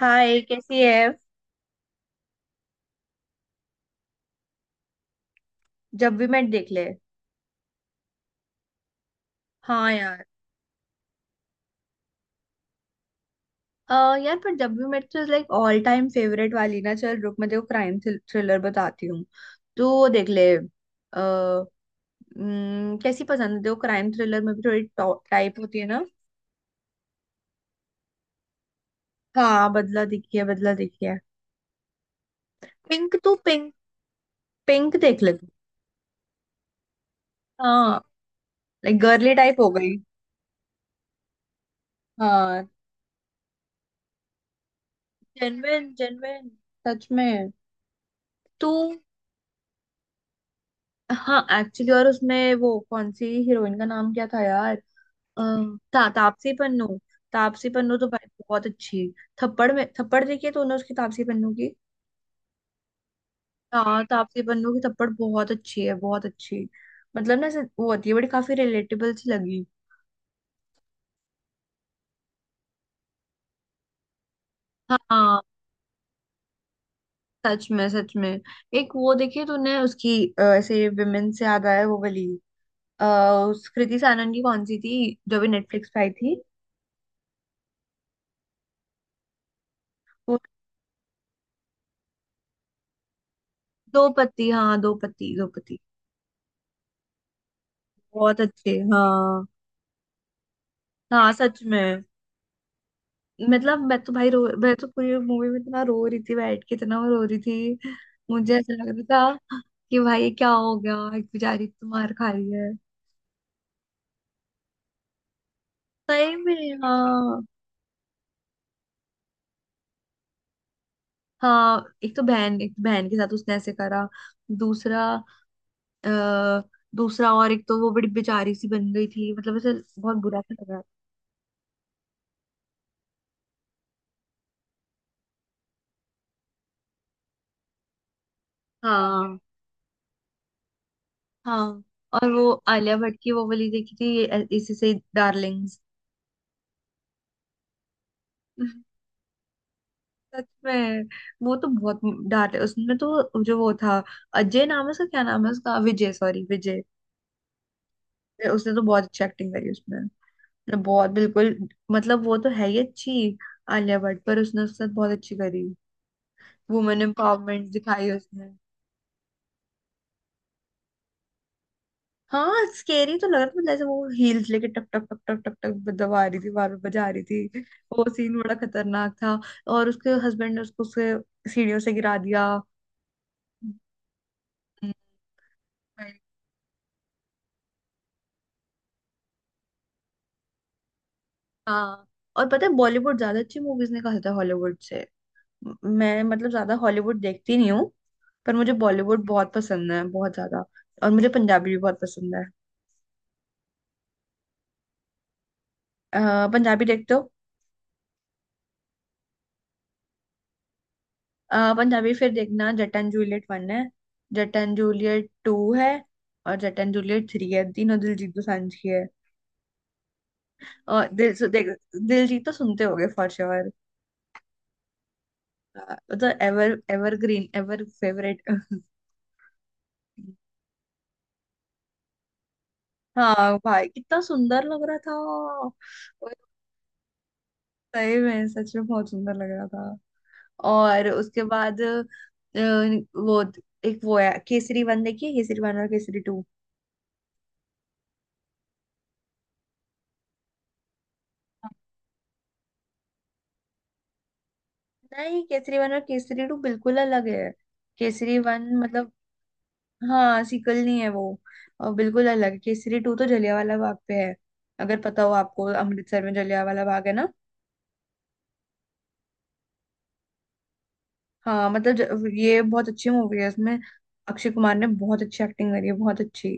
हाय, कैसी है। जब वी मेट देख ले। हाँ यार। अ, यार, पर जब वी मेट तो लाइक ऑल टाइम फेवरेट वाली ना। चल रुक, मैं तेरे को क्राइम थ्रिलर बताती हूँ। तो वो देख ले कैसी पसंद है तेरे को क्राइम थ्रिलर में, भी थोड़ी टाइप होती है ना। हाँ, बदला देखिए, बदला देखिए। पिंक, तू पिंक, पिंक देख ले तू। हाँ। लाइक गर्ली टाइप हो गई। हाँ, जेनविन जेनविन। सच में। तू। हाँ, एक्चुअली। और उसमें वो कौन सी हीरोइन, का नाम क्या था यार? तापसी पन्नू। तापसी पन्नू तो भाई बहुत अच्छी। थप्पड़, में थप्पड़ देखी है तूने उसकी, तापसी पन्नू की? हाँ, तापसी पन्नू की थप्पड़ बहुत अच्छी है, बहुत अच्छी। मतलब ना ऐसे वो होती है बड़ी, काफी रिलेटेबल सी लगी। हाँ, सच में, सच में। एक वो देखी है तूने उसकी? ऐसे विमेन से याद आया, वो वाली। अ, उस कृति सानन की कौन सी थी? जो भी नेटफ्लिक्स पे आई थी। वो दो पति, हाँ दो पति, दो पति। बहुत अच्छे। हाँ। हाँ, सच में। मतलब, मैं तो पूरी मूवी में इतना रो रही थी, बैठ के इतना रो रही थी। मुझे ऐसा लग रहा था कि भाई ये क्या हो गया, एक बेचारी तो मार खा रही है। सही में। हाँ। हाँ, एक तो बहन के साथ उसने ऐसे करा। दूसरा। अ, दूसरा, और एक तो वो बड़ी बेचारी सी बन गई थी, मतलब ऐसे। बहुत बुरा सा लगा। हाँ, हाँ। और वो आलिया भट्ट की वो वाली देखी थी, इसी से, डार्लिंग्स। सच में। वो तो बहुत। डांटे उसने तो, जो वो था। अजय नाम है उसका? क्या नाम है उसका? विजय, सॉरी, विजय। उसने तो बहुत अच्छी एक्टिंग करी उसमें। उसने बहुत, बिल्कुल। मतलब वो तो है ही अच्छी। आलिया भट्ट, पर उसने उसके साथ बहुत अच्छी करी। वुमेन एम्पावरमेंट दिखाई उसने। हाँ, स्केरी तो लग रहा था, मतलब ऐसे वो हील्स लेके टक टक टक टक टक टक दबा रही थी, बार बार बजा रही थी। वो सीन बड़ा खतरनाक था। और उसके हस्बैंड ने उसको उससे सीढ़ियों से गिरा दिया। हम्म, हाँ, और पता है बॉलीवुड ज्यादा अच्छी मूवीज निकालता है हॉलीवुड से। मैं मतलब ज्यादा हॉलीवुड देखती नहीं हूँ। पर मुझे बॉलीवुड बहुत पसंद है, बहुत ज्यादा। और मुझे पंजाबी भी बहुत पसंद है। अ, पंजाबी देखते हो? पंजाबी फिर देखना। जट एंड जूलियट वन है। जट एंड जूलियट टू है। और जट एंड जूलियट थ्री है। तीनों दिलजीत दोसांझ की है। और देख। दिलजीत तो सुनते होगे फॉर श्योर। तो एवर एवरग्रीन, एवर फेवरेट। हाँ भाई, कितना सुंदर लग रहा था। सही में, सच में, बहुत सुंदर लग रहा था। और उसके बाद वो। एक वो है, केसरी वन देखिए, केसरी वन और केसरी टू। नहीं, केसरी वन और केसरी टू बिल्कुल अलग है। केसरी वन मतलब। हाँ, सीक्वल नहीं है वो। और बिल्कुल अलग है। केसरी टू तो जलियांवाला बाग पे है। अगर पता हो आपको, अमृतसर में जलियांवाला बाग है ना। हाँ मतलब, ये बहुत अच्छी मूवी है इसमें। अक्षय कुमार ने बहुत अच्छी एक्टिंग करी है, बहुत अच्छी।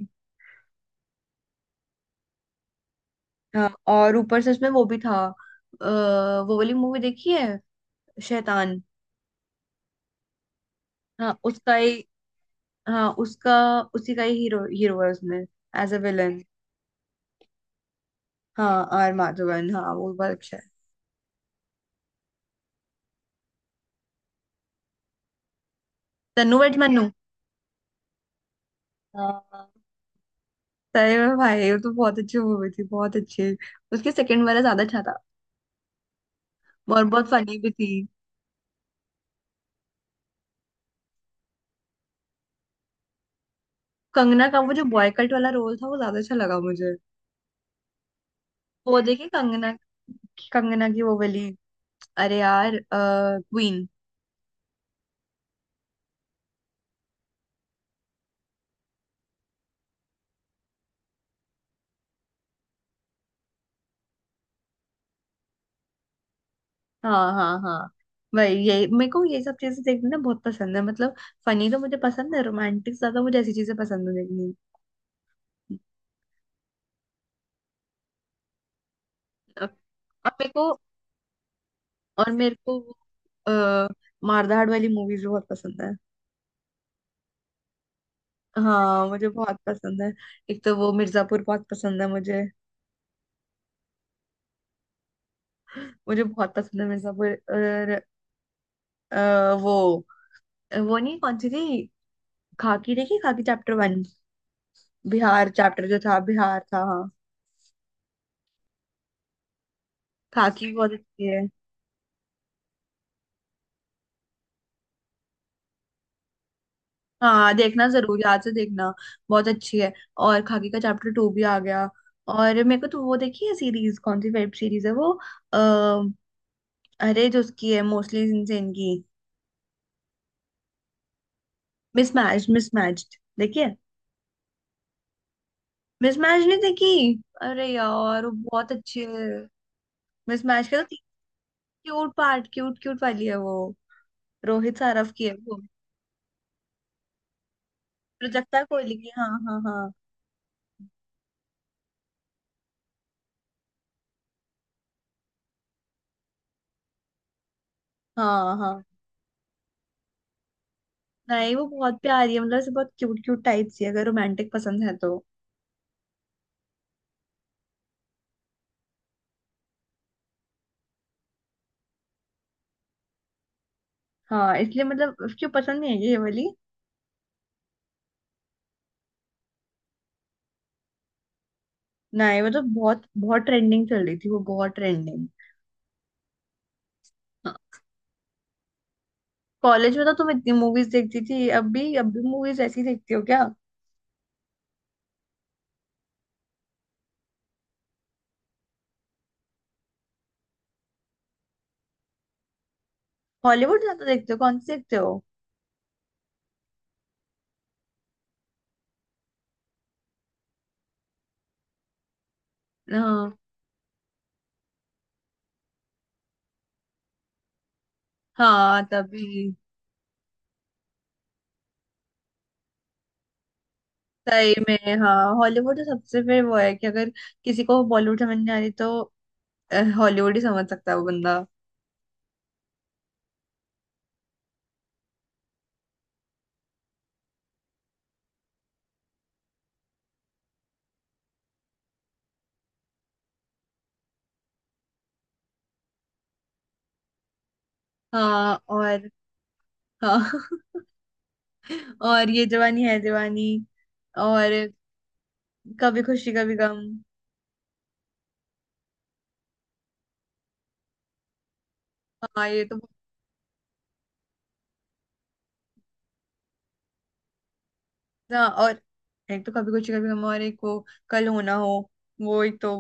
हाँ, और ऊपर से उसमें वो भी था। अ, वो वाली मूवी देखी है? शैतान। हाँ, उसका ही। हाँ उसका। उसी का ही हीरो, हीरो है उसमें। As a villain. हाँ, आर माधवन, हाँ वो बहुत अच्छा है। तन्नू बट मन्नू। हाँ, सही में भाई वो तो बहुत अच्छी मूवी थी, बहुत अच्छी। उसके सेकंड वाला ज्यादा अच्छा था। और बहुत फनी भी थी। कंगना का वो जो बॉयकट वाला रोल था, वो ज्यादा अच्छा लगा मुझे। वो देखी कंगना? कंगना की वो वाली। अरे यार, क्वीन। हाँ, हाँ, हाँ। वही, यही मेरे को ये सब चीजें देखना ना बहुत पसंद है, मतलब। फनी तो मुझे पसंद है, रोमांटिक ज्यादा, मुझे ऐसी चीजें पसंद है देखनी। और मेरे को और मेरे को वो, अ, मारधाड़ वाली मूवीज बहुत पसंद है। हाँ, मुझे बहुत पसंद है। एक तो वो मिर्जापुर बहुत पसंद है मुझे। मुझे बहुत पसंद है मिर्जापुर। और वो, नहीं, कौन सी थी। खाकी देखी? Khakee chapter one. Bihar chapter जो था, बिहार था हाँ। खाकी बहुत अच्छी है। हाँ देखना, जरूर याद से देखना। बहुत अच्छी है। और खाकी का चैप्टर टू भी आ गया। और मेरे को तो वो देखी है सीरीज, कौन सी वेब सीरीज है वो। अः अरे, जो उसकी है मोस्टली इनसेन की। मिसमैच, मिसमैच्ड देखिए। मिसमैच नहीं देखी? अरे यार, वो बहुत अच्छी है। मिसमैच का तो। क्यूट पार्ट, क्यूट क्यूट वाली है वो। रोहित सारफ की है वो। प्रोजक्ता कोहली की, हाँ, हाँ, हाँ। हाँ, हाँ। नहीं, वो बहुत प्यारी है, मतलब ऐसे बहुत क्यूट क्यूट टाइप सी है, अगर रोमांटिक पसंद है तो। हाँ, इसलिए मतलब उसकी पसंद नहीं है ये वाली। नहीं मतलब, बहुत बहुत ट्रेंडिंग चल रही थी वो, बहुत ट्रेंडिंग। कॉलेज में तो तुम इतनी मूवीज देखती थी, अब भी मूवीज ऐसी देखती हो क्या? हॉलीवुड ज्यादा देखते हो? कौन सी देखते हो? हाँ, हाँ तभी। सही में। हाँ, हॉलीवुड तो सबसे, फिर वो है कि अगर किसी को बॉलीवुड समझ नहीं आ रही तो हॉलीवुड ही समझ सकता है वो बंदा। हाँ, और हाँ। और ये जवानी है दीवानी। और कभी खुशी कभी गम। हाँ ये तो बहुत-। हाँ, और एक तो कभी कुछ कभी हम, और एक वो, कल होना हो। वो एक तो,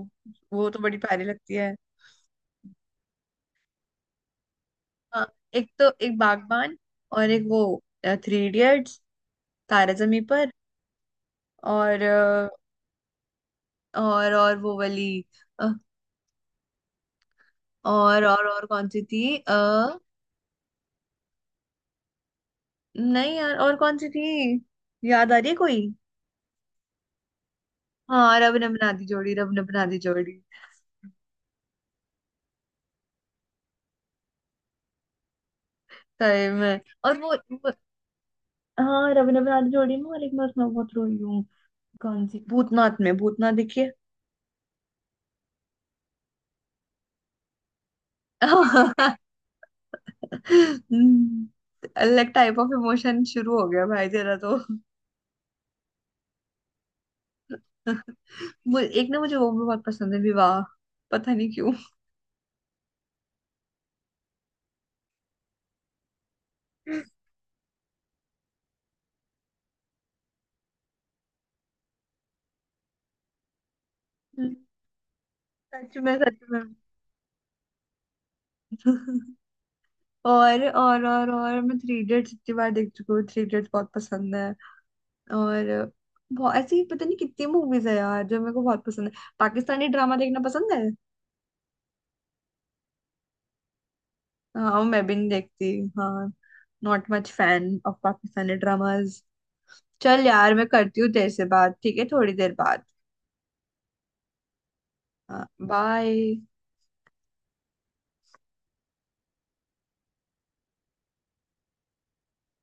वो तो बड़ी प्यारी लगती है। हाँ, एक तो एक बागबान। और एक वो, थ्री इडियट्स, तारे जमी पर। और अ, और वो वाली। अ, और कौन सी थी, नहीं यार, और कौन सी थी? याद आ रही है कोई? हाँ, रब ने बना दी जोड़ी, रब ने बना दी जोड़ी। सही में। और वो। हाँ, रब ने बना दी जोड़ी में, और एक मैं उसमें बहुत रोई हूँ। कौन सी? भूतनाथ में? भूतनाथ देखिए। हम्म। अलग टाइप ऑफ इमोशन शुरू हो गया भाई, तेरा तो। एक ना मुझे वो भी बहुत पसंद है, विवाह। पता नहीं क्यों। हम्म, सच में, सच में। और मैं थ्री इडियट्स इतनी बार देख चुकी हूँ, थ्री इडियट्स बहुत पसंद है। और बहुत ऐसी, पता नहीं कितनी मूवीज है यार जो मेरे को बहुत पसंद है। पाकिस्तानी ड्रामा देखना पसंद है? हाँ, मैं भी नहीं देखती। हाँ। Not much fan of Pakistani dramas. चल यार, मैं करती हूँ तेरे से बात, ठीक है? थोड़ी देर बाद। बाय।